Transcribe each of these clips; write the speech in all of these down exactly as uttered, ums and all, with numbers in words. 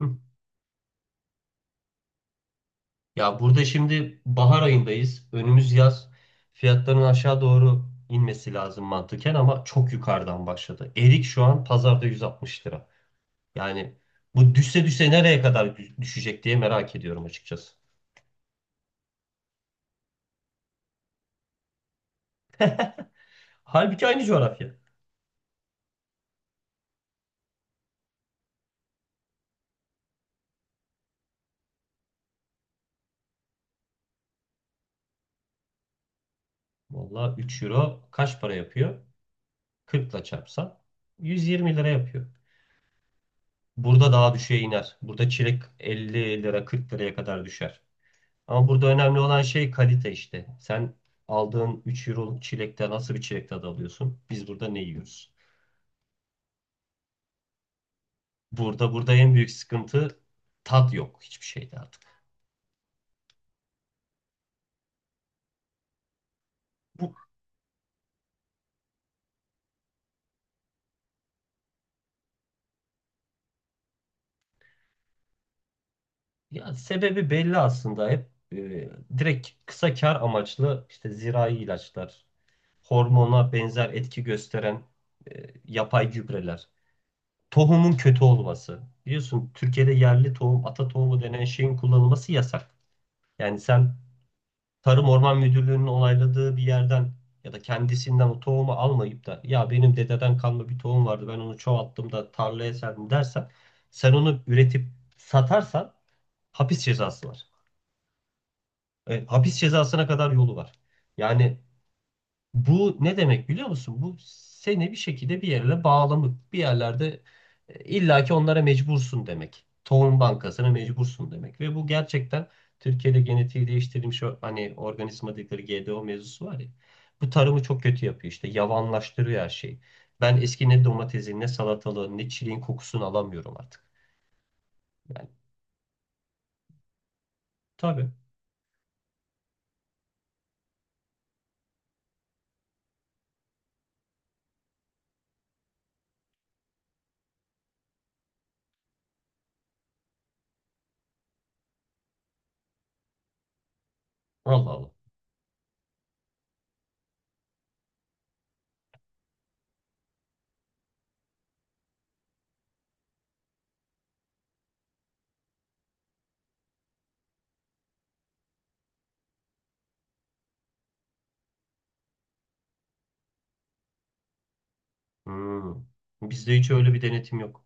Hı. Ya burada şimdi bahar ayındayız. Önümüz yaz. Fiyatların aşağı doğru inmesi lazım mantıken ama çok yukarıdan başladı. Erik şu an pazarda yüz altmış lira. Yani bu düşse düşse nereye kadar dü- düşecek diye merak ediyorum açıkçası. Halbuki aynı coğrafya. Valla üç euro kaç para yapıyor? kırk ile çarpsan yüz yirmi lira yapıyor. Burada daha düşüğe iner. Burada çilek elli lira kırk liraya kadar düşer. Ama burada önemli olan şey kalite işte. Sen aldığın üç euro çilekten nasıl bir çilek tadı alıyorsun? Biz burada ne yiyoruz? Burada burada en büyük sıkıntı, tat yok hiçbir şeyde artık. Bu Ya sebebi belli aslında hep e, direkt kısa kar amaçlı işte zirai ilaçlar, hormona benzer etki gösteren e, yapay gübreler, tohumun kötü olması. Biliyorsun Türkiye'de yerli tohum, ata tohumu denen şeyin kullanılması yasak. Yani sen Tarım Orman Müdürlüğü'nün onayladığı bir yerden ya da kendisinden o tohumu almayıp da, ya benim dededen kalma bir tohum vardı ben onu çoğalttım da tarlaya serdim dersen, sen onu üretip satarsan hapis cezası var. E, hapis cezasına kadar yolu var. Yani bu ne demek biliyor musun? Bu seni bir şekilde bir yerle bağlamak, bir yerlerde e, illaki onlara mecbursun demek. Tohum bankasına mecbursun demek. Ve bu gerçekten Türkiye'de genetiği değiştirilmiş o- hani organizma dedikleri G D O mevzusu var ya. Bu tarımı çok kötü yapıyor işte. Yavanlaştırıyor her şeyi. Ben eski ne domatesin, ne salatalığın, ne çileğin kokusunu alamıyorum artık. Yani tabii. Allah Allah. Hmm. Bizde hiç öyle bir denetim yok.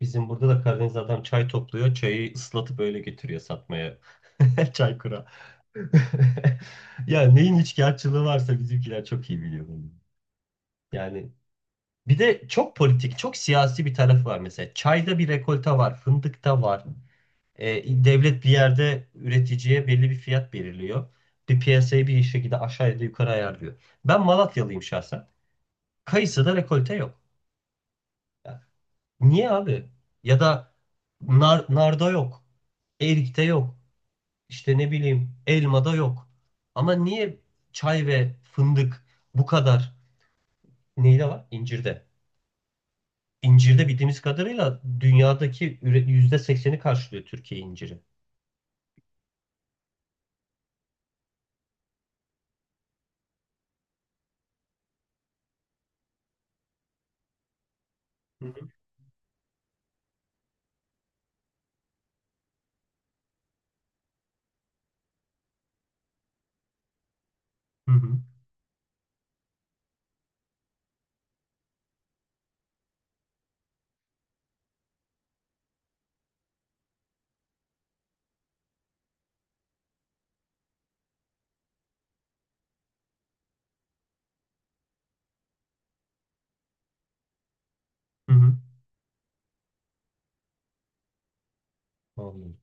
Bizim burada da Karadeniz adam çay topluyor. Çayı ıslatıp öyle getiriyor satmaya. Çaykura. Ya neyin üçkağıtçılığı varsa bizimkiler çok iyi biliyor bunu. Yani bir de çok politik, çok siyasi bir tarafı var mesela. Çayda bir rekolta var, fındıkta var. Ee, devlet bir yerde üreticiye belli bir fiyat belirliyor. Bir piyasayı bir şekilde aşağı ya da yukarı ayarlıyor. Ben Malatyalıyım şahsen. Kayısıda rekolte yok. Niye abi? Ya da nar, narda yok. Erikte yok. İşte ne bileyim, elmada yok. Ama niye çay ve fındık bu kadar, neyde var? İncirde. İncirde bildiğimiz kadarıyla dünyadaki üre- yüzde sekseni karşılıyor Türkiye inciri. Hı hı. Hı hı. Hı hı. Vallahi.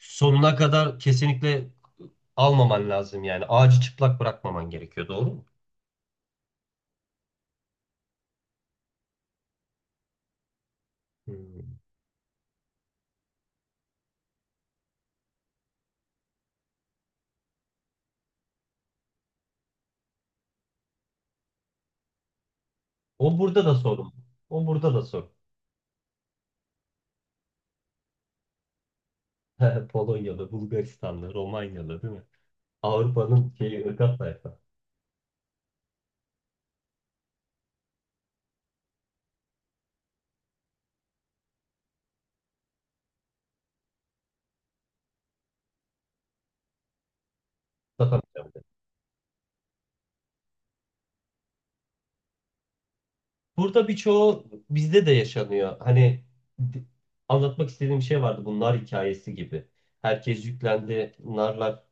Sonuna kadar kesinlikle almaman lazım yani. Ağacı çıplak bırakmaman gerekiyor, doğru mu? Hmm. O burada da sorun. O burada da sorun. Polonyalı, Bulgaristanlı, Romanyalı değil mi? Avrupa'nın şeyi, ırgat tayfa. Satamayacağım, dedi. Burada birçoğu bizde de yaşanıyor. Hani di- anlatmak istediğim şey vardı, bu nar hikayesi gibi. Herkes yüklendi. Narlar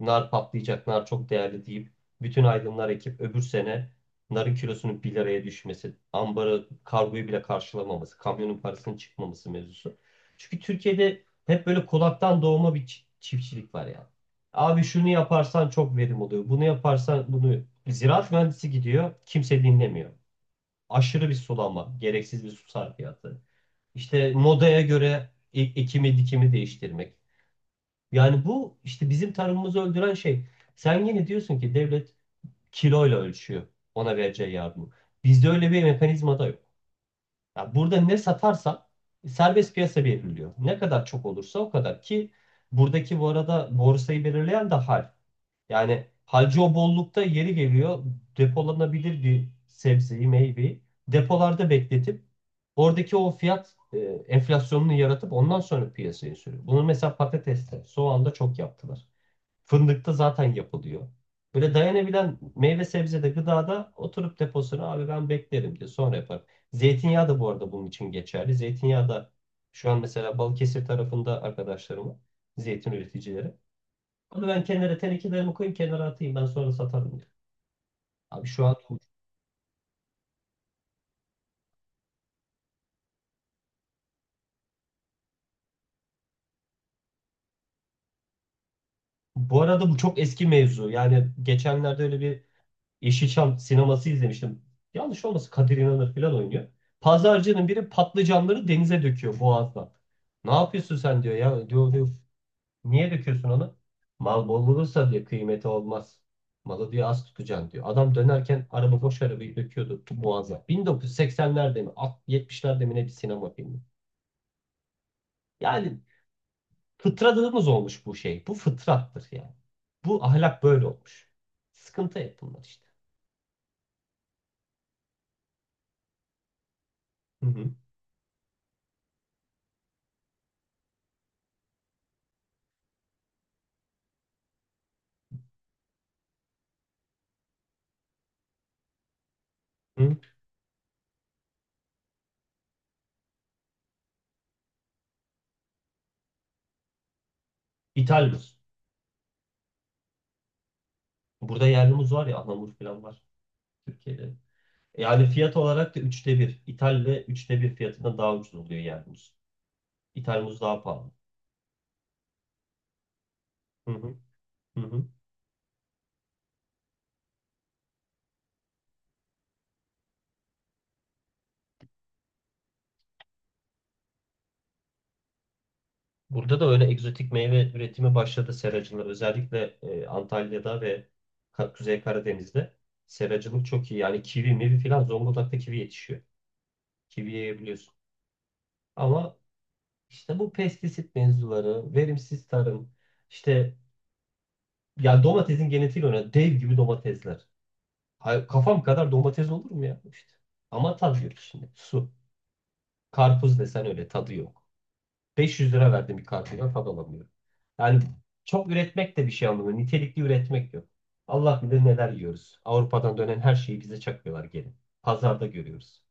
Nar patlayacak, nar çok değerli deyip bütün aydınlar ekip, öbür sene narın kilosunun bir liraya düşmesi, ambarı, kargoyu bile karşılamaması, kamyonun parasının çıkmaması mevzusu. Çünkü Türkiye'de hep böyle kulaktan doğma bir çi- çiftçilik var ya. Abi şunu yaparsan çok verim oluyor. Bunu yaparsan bunu, ziraat mühendisi gidiyor, kimse dinlemiyor. Aşırı bir sulanma, gereksiz bir su sarfiyatı. İşte modaya göre e- ekimi dikimi değiştirmek. Yani bu işte bizim tarımımızı öldüren şey. Sen yine diyorsun ki devlet kiloyla ölçüyor ona vereceği yardımı. Bizde öyle bir mekanizma da yok. Ya burada ne satarsa serbest piyasa belirliyor. Ne kadar çok olursa o kadar. Ki buradaki, bu arada, borsayı belirleyen de hal. Yani halcı o bollukta yeri geliyor, depolanabilir bir sebzeyi, meyveyi depolarda bekletip, oradaki o fiyat e, enflasyonunu yaratıp ondan sonra piyasaya sürüyor. Bunu mesela patateste, soğanda çok yaptılar. Fındıkta zaten yapılıyor. Böyle dayanabilen meyve sebzede, gıdada oturup deposunu, abi ben beklerim diye, sonra yaparım. Zeytinyağı da bu arada bunun için geçerli. Zeytinyağı da şu an mesela, Balıkesir tarafında arkadaşlarım var. Zeytin üreticileri. Onu ben kenara tenekelerimi koyayım, kenara atayım, ben sonra satarım diyor. Abi şu an, bu arada, bu çok eski mevzu. Yani geçenlerde öyle bir Yeşilçam sineması izlemiştim. Yanlış olmasın, Kadir İnanır falan oynuyor. Pazarcının biri patlıcanları denize döküyor boğazdan. Ne yapıyorsun sen diyor ya. Diyor, diyor, niye döküyorsun onu? Mal bol olursa diyor kıymeti olmaz. Malı diyor az tutacaksın diyor. Adam dönerken araba, boş arabayı döküyordu boğaza. bin dokuz yüz seksenlerde mi yetmişlerde mi ne, bir sinema filmi. Yani fıtradığımız olmuş bu şey. Bu fıtrattır yani. Bu ahlak böyle olmuş. Sıkıntı hep bunlar işte. Hı hı. Hı. İthal. Burada yerli muz var ya, Anamur falan var Türkiye'de. E, Yani fiyat olarak da üçte bir. İthal ve üçte bir fiyatına, daha ucuz oluyor yerli muz. İthal muz daha pahalı. Hı hı. Hı hı. Burada da öyle egzotik meyve üretimi başladı, seracılığı. Özellikle e, Antalya'da ve Ka- Kuzey Karadeniz'de seracılık çok iyi. Yani kivi, mivi filan, Zonguldak'ta kivi yetişiyor. Kivi yiyebiliyorsun. Ama işte bu pestisit mevzuları, verimsiz tarım, işte ya domatesin genetiğiyle oynayan dev gibi domatesler. Hay- Kafam kadar domates olur mu ya? İşte. Ama tadı yok şimdi. Su. Karpuz desen öyle, tadı yok. beş yüz lira verdim bir karpuza, tad alamıyorum. Yani çok üretmek de bir şey anlamıyor. Nitelikli üretmek yok. Allah bilir neler yiyoruz. Avrupa'dan dönen her şeyi bize çakıyorlar geri. Pazarda görüyoruz.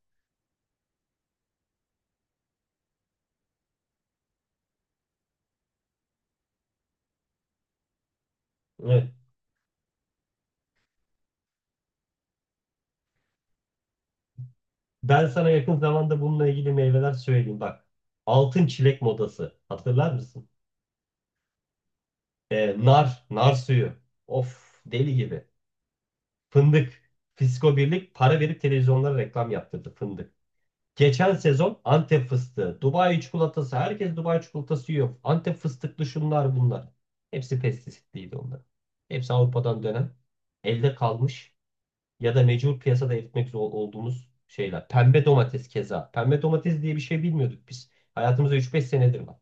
Evet. Ben sana yakın zamanda bununla ilgili meyveler söyleyeyim bak. Altın çilek modası, hatırlar mısın? Ee, nar, nar suyu. Of, deli gibi. Fındık. Fisko Birlik para verip televizyonlara reklam yaptırdı, fındık. Geçen sezon Antep fıstığı, Dubai çikolatası, herkes Dubai çikolatası yiyor. Antep fıstıklı şunlar bunlar. Hepsi pestisitliydi onlar. Hepsi Avrupa'dan dönen, elde kalmış ya da mecbur piyasada eritmek zor olduğumuz şeyler. Pembe domates keza. Pembe domates diye bir şey bilmiyorduk biz. Hayatımızda üç beş senedir var.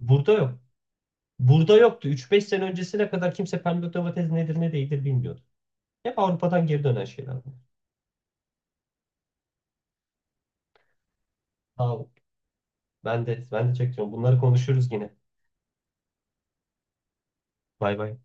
Burada yok. Burada yoktu. Üç beş sene öncesine kadar kimse pembe domates nedir ne değildir bilmiyordu. Hep Avrupa'dan geri dönen şeyler bunlar. Sağ Ben de ben de çekiyorum. Bunları konuşuruz yine. Bay bay.